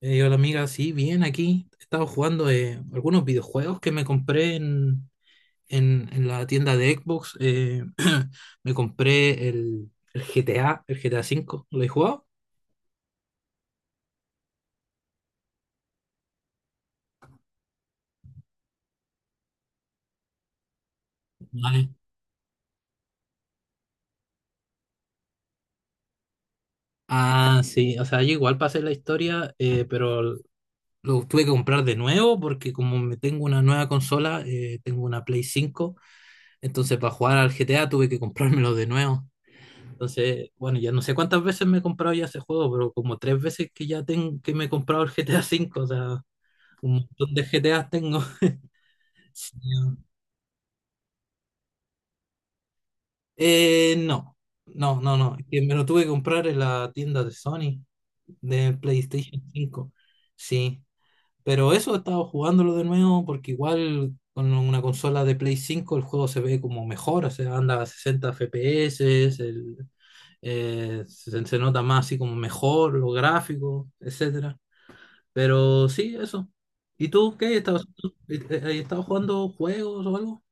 Hola amiga, sí, bien, aquí he estado jugando algunos videojuegos que me compré en la tienda de Xbox. Me compré el GTA, el GTA cinco, ¿lo he jugado? Vale. Ah, sí, o sea, yo igual pasé la historia, pero lo tuve que comprar de nuevo porque como me tengo una nueva consola, tengo una Play cinco, entonces para jugar al GTA tuve que comprármelo de nuevo. Entonces, bueno, ya no sé cuántas veces me he comprado ya ese juego, pero como tres veces que ya tengo, que me he comprado el GTA V, o sea, un montón de GTA tengo. Sí. Eh, no, no, es que me lo tuve que comprar en la tienda de Sony, de PlayStation 5, sí. Pero eso he estado jugándolo de nuevo porque igual con una consola de Play 5 el juego se ve como mejor, o sea, anda a 60 FPS, el, se nota más así como mejor, los gráficos, etcétera. Pero sí, eso. ¿Y tú qué? ¿Estabas jugando juegos o algo?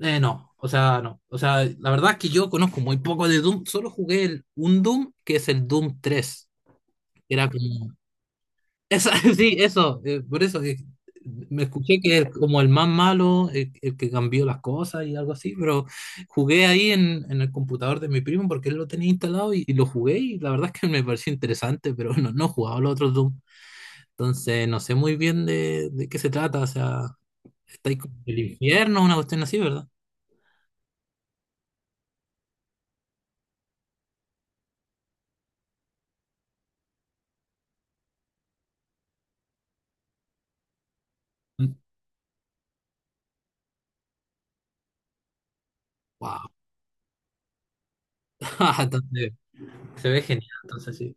No, o sea, no. O sea, la verdad es que yo conozco muy poco de Doom. Solo jugué un Doom que es el Doom tres. Era como... Esa, sí, eso. Por eso me escuché que es como el más malo, el que cambió las cosas y algo así. Pero jugué ahí en el computador de mi primo porque él lo tenía instalado y lo jugué y la verdad es que me pareció interesante, pero no, no he jugado los otros Doom. Entonces, no sé muy bien de qué se trata. O sea, estáis como en el infierno, una cuestión así, ¿verdad? Mm. Wow. Entonces, se ve genial. Entonces, sí.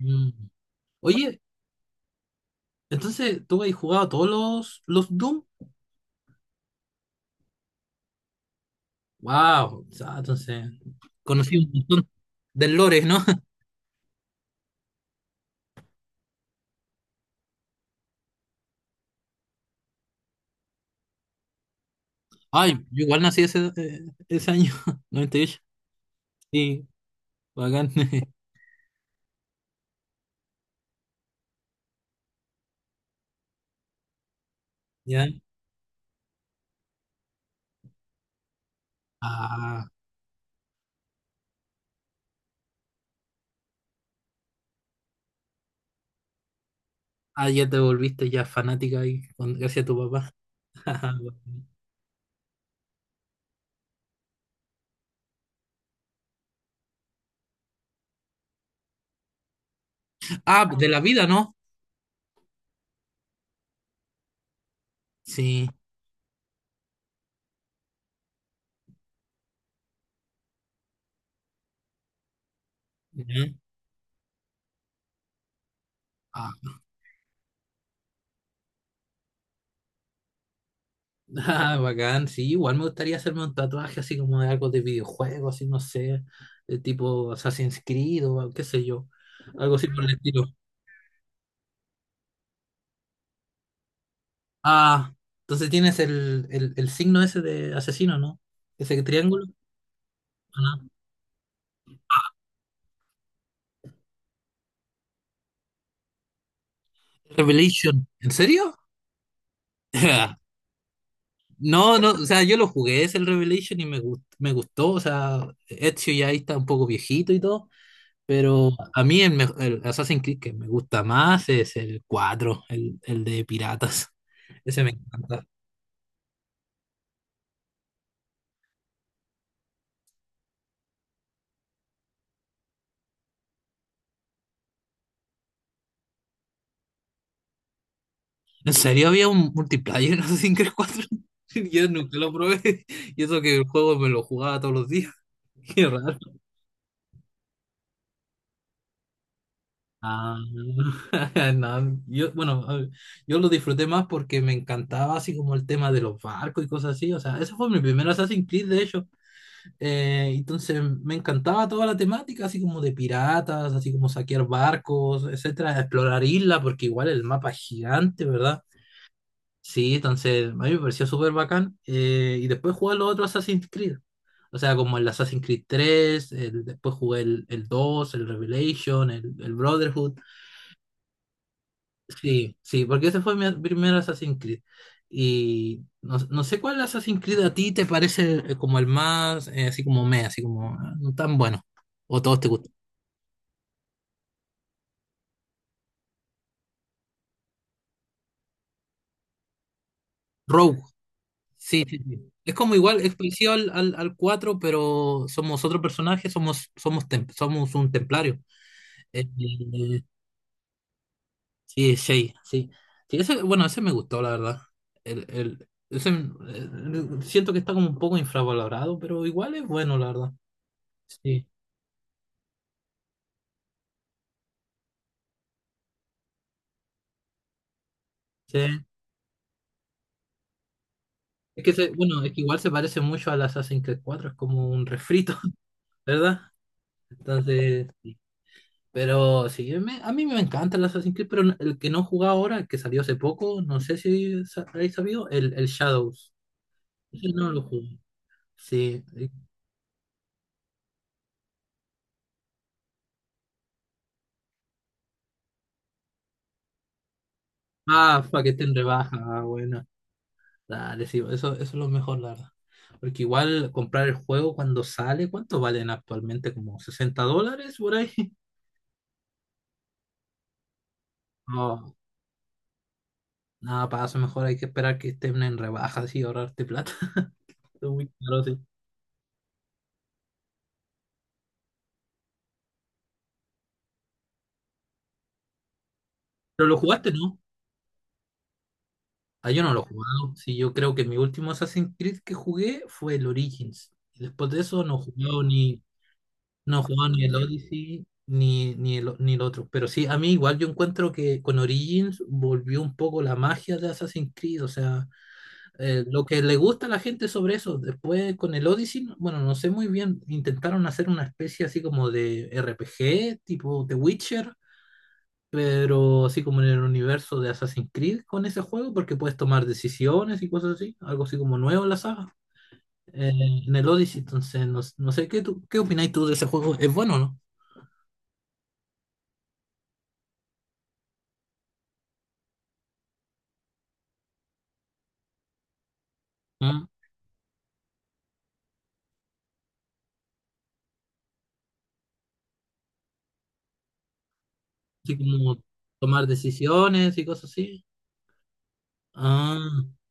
Mm. Oye, entonces, ¿tú habéis jugado todos los Doom? Wow. O sea, entonces, conocí un montón del lore, ¿no? Ay, yo igual nací ese, ese año, 98. Sí, bacán. Ya. Ah, ah, ya te volviste ya fanática ahí, gracias a tu papá. Ah, de la vida, ¿no? Sí. Ujú. Ah, bacán, sí, igual me gustaría hacerme un tatuaje así como de algo de videojuego, así no sé, de tipo Assassin's Creed o qué sé yo, algo así por el estilo. Ah, entonces tienes el signo ese de asesino, ¿no? Ese triángulo. Ah, Revelation. ¿En serio? No, no, o sea, yo lo jugué, es el Revelation y me gustó, o sea, Ezio ya ahí está un poco viejito y todo. Pero a mí el Assassin's Creed que me gusta más es el cuatro, el de piratas. Ese me encanta. ¿En serio había un multiplayer en Assassin's Creed cuatro? Yo nunca lo probé. Y eso que el juego me lo jugaba todos los días. Qué raro. Ah, no, yo, bueno, a ver, yo lo disfruté más porque me encantaba así como el tema de los barcos y cosas así. O sea, ese fue mi primer Assassin's Creed, de hecho. Entonces me encantaba toda la temática, así como de piratas, así como saquear barcos, etcétera, explorar islas, porque igual el mapa es gigante, ¿verdad? Sí, entonces a mí me pareció súper bacán. Y después jugué los otros Assassin's Creed. O sea, como el Assassin's Creed tres, después jugué el 2, el Revelation, el Brotherhood. Sí, sí, porque ese fue mi primer Assassin's Creed. Y no, no sé cuál Assassin's Creed a ti te parece como el más, así como me, así como ah, no tan bueno. O todos te gustan. Rogue, sí, sí, sí. Es como igual, es parecido al cuatro, pero somos otro personaje, somos un templario. Eh, eh, sí, Shay, sí. Sí, ese, bueno, ese me gustó, la verdad. Ese, siento que está como un poco infravalorado, pero igual es bueno, la verdad. Sí. Sí. Es que, bueno, es que igual se parece mucho al Assassin's Creed cuatro, es como un refrito, ¿verdad? Entonces, sí. Pero sí, a mí me encanta el Assassin's Creed, pero el que no jugaba ahora, el que salió hace poco, no sé si habéis sabido, el Shadows. Ese no lo jugué. Sí. Ah, para que esté en rebaja, ah, bueno. Dale, sí, eso es lo mejor, la verdad. Porque igual comprar el juego cuando sale, ¿cuánto valen actualmente? ¿Como 60 dólares por ahí? No, nada, para eso mejor hay que esperar que estén en rebaja y ahorrarte plata. Uy, claro, sí. Pero lo jugaste, ¿no? Ah, yo no lo he jugado. Sí, yo creo que mi último Assassin's Creed que jugué fue el Origins. Y después de eso no he jugado ni el Odyssey ni ni el otro. Pero sí, a mí igual yo encuentro que con Origins volvió un poco la magia de Assassin's Creed. O sea, lo que le gusta a la gente sobre eso. Después con el Odyssey, bueno, no sé muy bien. Intentaron hacer una especie así como de RPG, tipo The Witcher, pero así como en el universo de Assassin's Creed con ese juego, porque puedes tomar decisiones y cosas así, algo así como nuevo en la saga, eh, en el Odyssey. Entonces, no, no sé, ¿qué opináis tú de ese juego? ¿Es bueno o no? ¿Ah? Así como tomar decisiones y cosas así. Ah,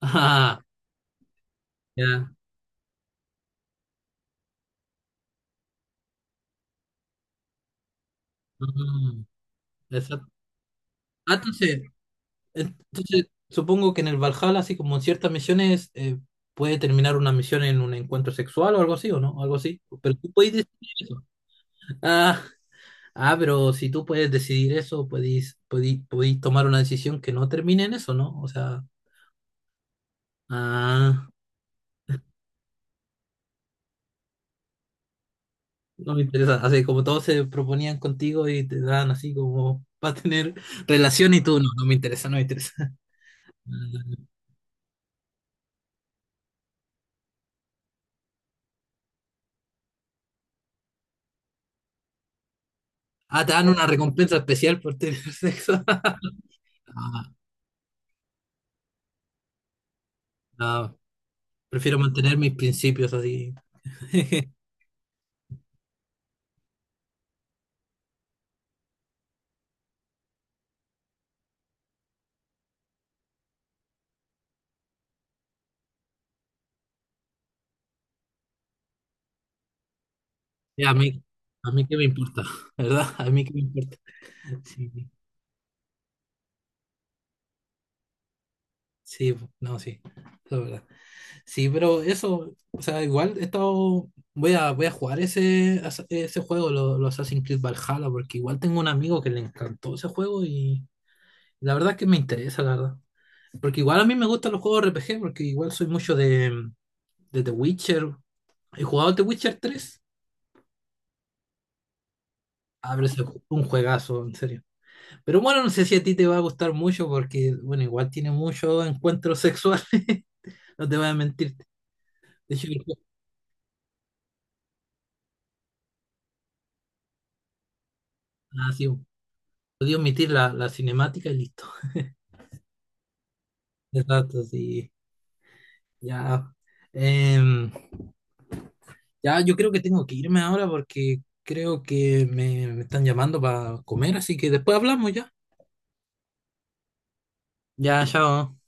ah, ya. Mm, exacto. Ah, entonces, supongo que en el Valhalla, así como en ciertas misiones, puede terminar una misión en un encuentro sexual o algo así, ¿o no? Algo así. Pero tú puedes decidir eso. Ah, ah, pero si tú puedes decidir eso, podéis tomar una decisión que no termine en eso, ¿no? O sea, ah, no me interesa. Así como todos se proponían contigo y te dan así como va a tener relación y tú no, no me interesa, no me interesa. Ah, te dan una recompensa especial por tener sexo. Ah, no, prefiero mantener mis principios así. Ya, a mí, a mí qué me importa, ¿verdad? A mí qué me importa. Sí, sí, no, sí, la verdad. Sí, pero eso, o sea, igual he estado, voy a jugar ese juego, los Assassin's Creed Valhalla, porque igual tengo un amigo que le encantó ese juego y la verdad es que me interesa, la verdad. Porque igual a mí me gustan los juegos R P G porque igual soy mucho de The Witcher. He jugado The Witcher tres. Ah, pero es un juegazo, en serio. Pero bueno, no sé si a ti te va a gustar mucho, porque, bueno, igual tiene muchos encuentros sexuales, no te voy a mentir. De hecho, el juego- ah, sí, podía omitir la cinemática y listo. Exacto, sí. Ya. Em, ya, yo creo que tengo que irme ahora porque creo que me están llamando para comer, así que después hablamos ya. Ya, chao.